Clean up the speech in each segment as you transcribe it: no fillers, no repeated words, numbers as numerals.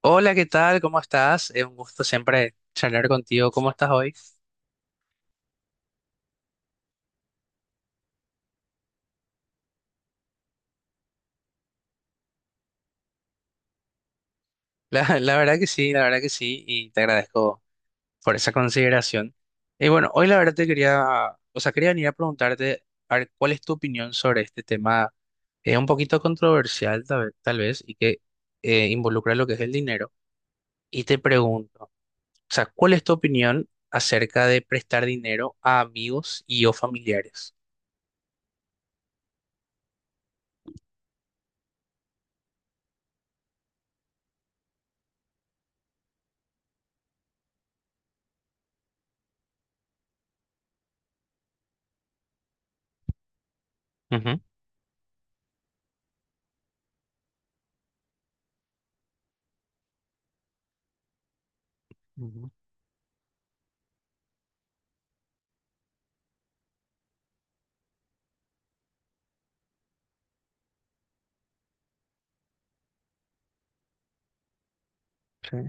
Hola, ¿qué tal? ¿Cómo estás? Es un gusto siempre charlar contigo. ¿Cómo estás hoy? La verdad que sí, la verdad que sí, y te agradezco por esa consideración. Y bueno, hoy la verdad te quería, o sea, quería venir a preguntarte, a ver, ¿cuál es tu opinión sobre este tema? Es un poquito controversial, tal vez, y que involucra lo que es el dinero. Y te pregunto, o sea, ¿cuál es tu opinión acerca de prestar dinero a amigos y o familiares? Ujú. Ujú. Sí.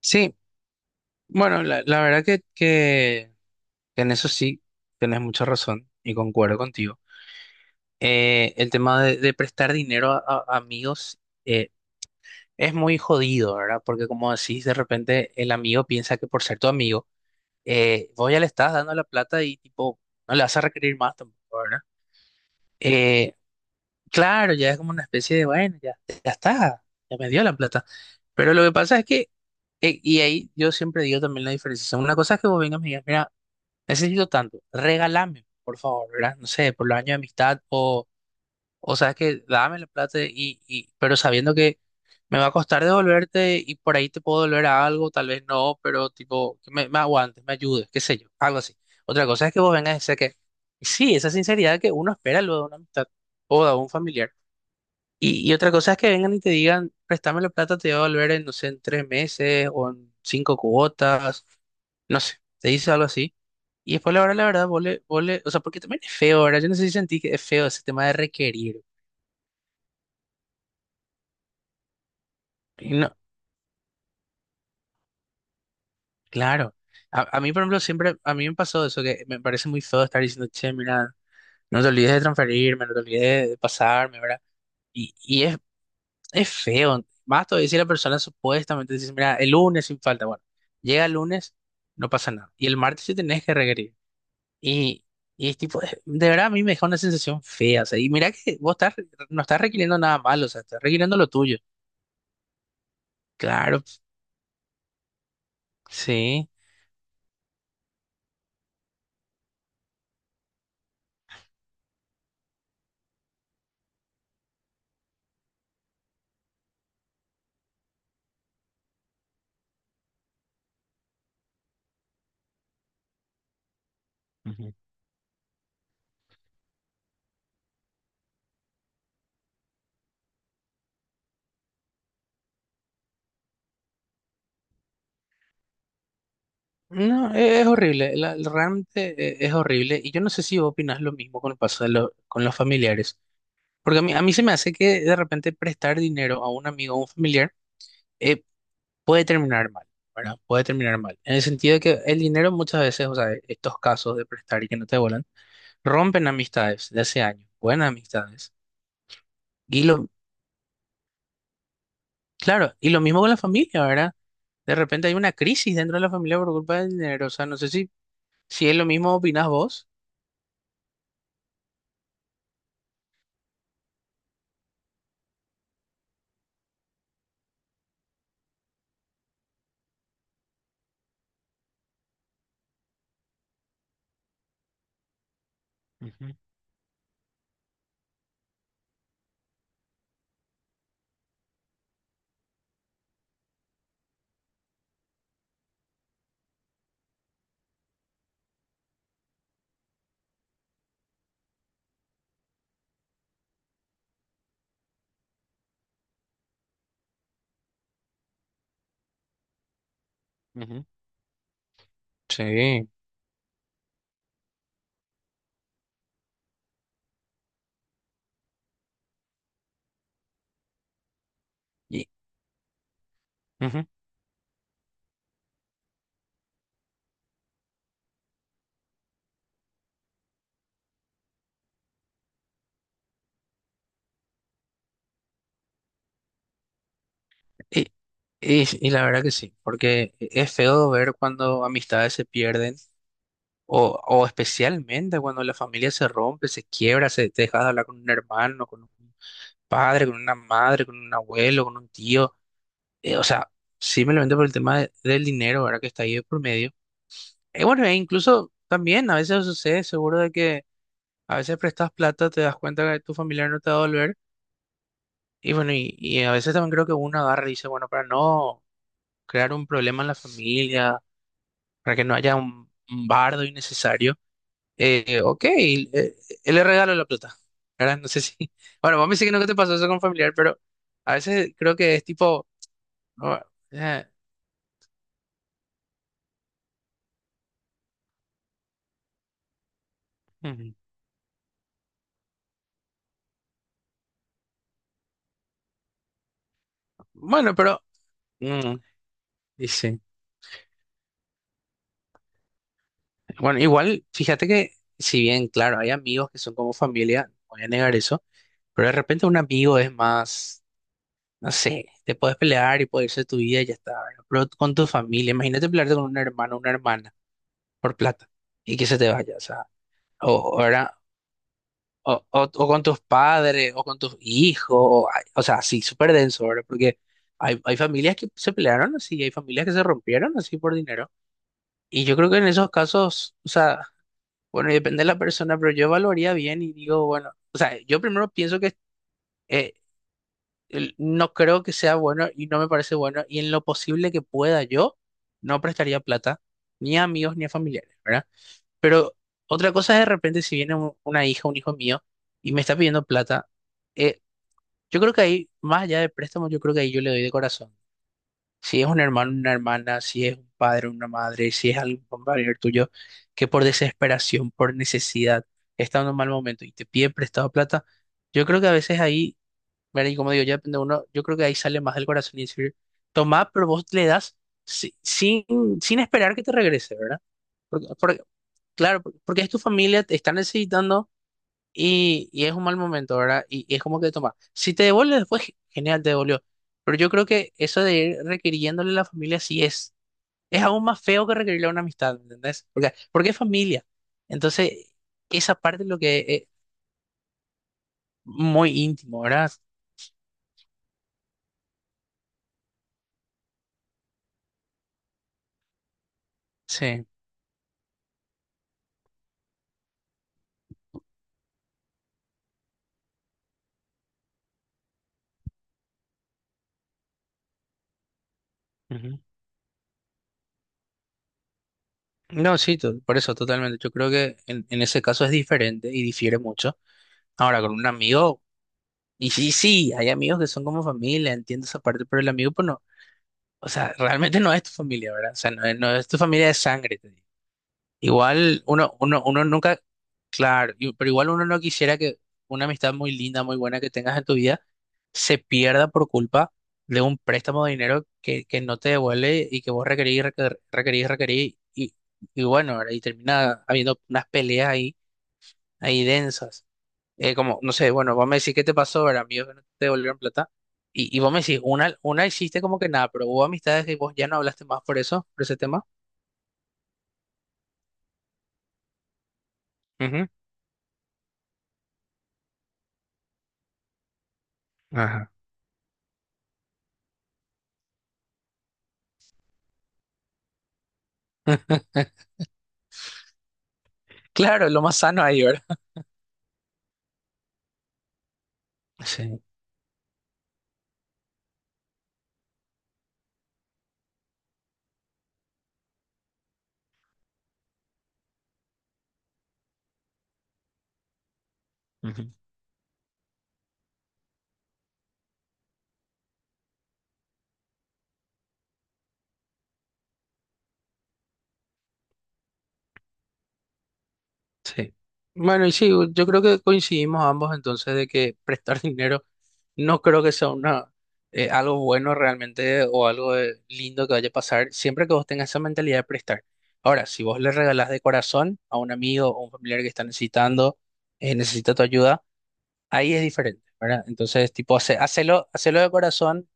Sí. Bueno, la verdad que que en eso sí tenés mucha razón y concuerdo contigo. El tema de prestar dinero a, amigos eh, es muy jodido, ¿verdad? Porque como decís, de repente el amigo piensa que por ser tu amigo, vos ya le estás dando la plata y tipo, no le vas a requerir más tampoco, ¿verdad? Eh, claro, ya es como una especie de, bueno, ya, ya está, ya me dio la plata. Pero lo que pasa es y ahí yo siempre digo también la diferencia. Una cosa es que vos vengas y me digas, mira, necesito tanto, regálame, por favor, ¿verdad? No sé, por los años de amistad o sabes que dame la plata pero sabiendo que me va a costar devolverte y por ahí te puedo devolver algo, tal vez no, pero tipo, que me aguantes, me ayudes, qué sé yo, algo así. Otra cosa es que vos vengas y sé que, sí, esa sinceridad que uno espera luego de una amistad o de un familiar. Y otra cosa es que vengan y te digan, préstame la plata, te voy a volver en, no sé, en tres meses o en cinco cuotas, no sé, te dice algo así. Y después la verdad, vos o sea, porque también es feo, ¿verdad? Yo no sé si sentí que es feo ese tema de requerir. Y no, claro. A mí, por ejemplo, siempre, a mí me pasó eso, que me parece muy feo estar diciendo, che, mira, no te olvides de transferirme, no te olvides de pasarme, ¿verdad? Y es feo. Más todavía si la persona supuestamente dice, mira, el lunes sin falta. Bueno, llega el lunes, no pasa nada. Y el martes sí tenés que requerir. Y, y es tipo, de verdad a mí me deja una sensación fea. O sea, y mira que vos estás, no estás requiriendo nada malo, o sea, estás requiriendo lo tuyo. Claro, sí. Ujú. No, es horrible. Realmente es horrible. Y yo no sé si vos opinás lo mismo con el paso de con los familiares. Porque a mí se me hace que de repente prestar dinero a un amigo o un familiar. eh, Puede terminar mal, ¿verdad? Puede terminar mal. En el sentido de que el dinero muchas veces, o sea, estos casos de prestar y que no te vuelan, rompen amistades de hace años, buenas amistades. Y lo, claro, y lo mismo con la familia, ¿verdad? De repente hay una crisis dentro de la familia por culpa del dinero. O sea, no sé si, si es lo mismo opinás vos. Ujú, ujú. Sí. Y, ujú. y, y la verdad que sí, porque es feo ver cuando amistades se pierden. O especialmente cuando la familia se rompe, se quiebra, se te deja de hablar con un hermano, con un padre, con una madre, con un abuelo, con un tío. O sea, simplemente por el tema del dinero, ¿verdad? Que está ahí de por medio. Bueno, e incluso también a veces sucede, seguro de que a veces prestas plata, te das cuenta que tu familiar no te va a devolver. Y bueno, y a veces también creo que uno agarra y dice, bueno, para no crear un problema en la familia, para que no haya un bardo innecesario. Ok, le regalo la plata, ¿verdad? No sé si... Bueno, vos me dices que nunca te pasó eso con familiar, pero a veces creo que es tipo... no, eh, mm, bueno, pero... mm, y sí. Bueno, igual, fíjate que si bien, claro, hay amigos que son como familia, no voy a negar eso, pero de repente un amigo es más, no sé, te puedes pelear y puede irse tu vida y ya está, ¿verdad? Pero con tu familia, imagínate pelearte con un hermano o una hermana por plata y que se te vaya, o sea, o, ahora. O, o con tus padres, o con tus hijos, o, ay, o sea, sí, súper denso, ¿verdad? Porque hay familias que se pelearon así, y hay familias que se rompieron así por dinero. Y yo creo que en esos casos, o sea, bueno, y depende de la persona, pero yo evaluaría bien y digo, bueno, o sea, yo primero pienso que eh, no creo que sea bueno y no me parece bueno, y en lo posible que pueda yo, no prestaría plata, ni a amigos ni a familiares, ¿verdad? Pero otra cosa es de repente si viene una hija, un hijo mío, y me está pidiendo plata. eh, Yo creo que ahí, más allá de préstamos, yo creo que ahí yo le doy de corazón. Si es un hermano, una hermana, si es un padre, una madre, si es algún compañero tuyo que por desesperación, por necesidad, está en un mal momento y te pide prestado plata, yo creo que a veces ahí, ¿verdad? Y como digo, ya depende de uno, yo creo que ahí sale más del corazón y decir, tomá, pero vos le das sin, sin esperar que te regrese, ¿verdad? Porque, porque- claro, porque es tu familia, te está necesitando. Y es un mal momento, ¿verdad? Y es como que toma. Si te devuelve después, genial, te devolvió. Pero yo creo que eso de ir requiriéndole a la familia sí es. Es aún más feo que requerirle a una amistad, ¿me entendés? Porque es familia. Entonces, esa parte es lo que es muy íntimo, ¿verdad? Sí. Ujú. No, sí, por eso, totalmente. Yo creo que en ese caso es diferente y difiere mucho. Ahora, con un amigo, y sí, sí, hay amigos que son como familia, entiendo esa parte, pero el amigo, pues no. O sea, realmente no es tu familia, ¿verdad? O sea, no es, no es tu familia de sangre, te digo. Igual uno nunca, claro, pero igual uno no quisiera que una amistad muy linda, muy buena que tengas en tu vida se pierda por culpa de un préstamo de dinero que no te devuelve y que vos requerís, requerís, y bueno, ¿verdad? Y termina habiendo unas peleas ahí, ahí densas. Como, no sé, bueno, vos me decís qué te pasó, ver amigos que no te devolvieron plata, y vos me decís, una hiciste como que nada, pero hubo amistades que vos ya no hablaste más por eso, por ese tema. Ujú. Ajá. Claro, lo más sano ahí, ¿verdad? Sí. Ujú. Sí. Bueno, y sí, yo creo que coincidimos ambos entonces de que prestar dinero no creo que sea una, algo bueno realmente o algo lindo que vaya a pasar siempre que vos tengas esa mentalidad de prestar. Ahora, si vos le regalás de corazón a un amigo o un familiar que está necesitando, necesita tu ayuda, ahí es diferente, ¿verdad? Entonces, tipo, hacelo, hacelo de corazón,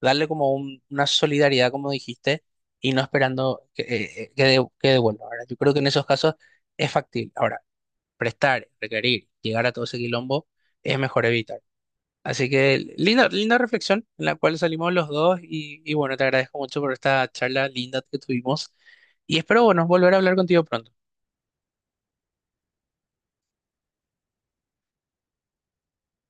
darle como una solidaridad, como dijiste, y no esperando que, que devuelva, ¿verdad? Yo creo que en esos casos es factible. Ahora, prestar, requerir, llegar a todo ese quilombo, es mejor evitar. Así que linda, linda reflexión en la cual salimos los dos y bueno, te agradezco mucho por esta charla linda que tuvimos y espero, bueno, volver a hablar contigo pronto.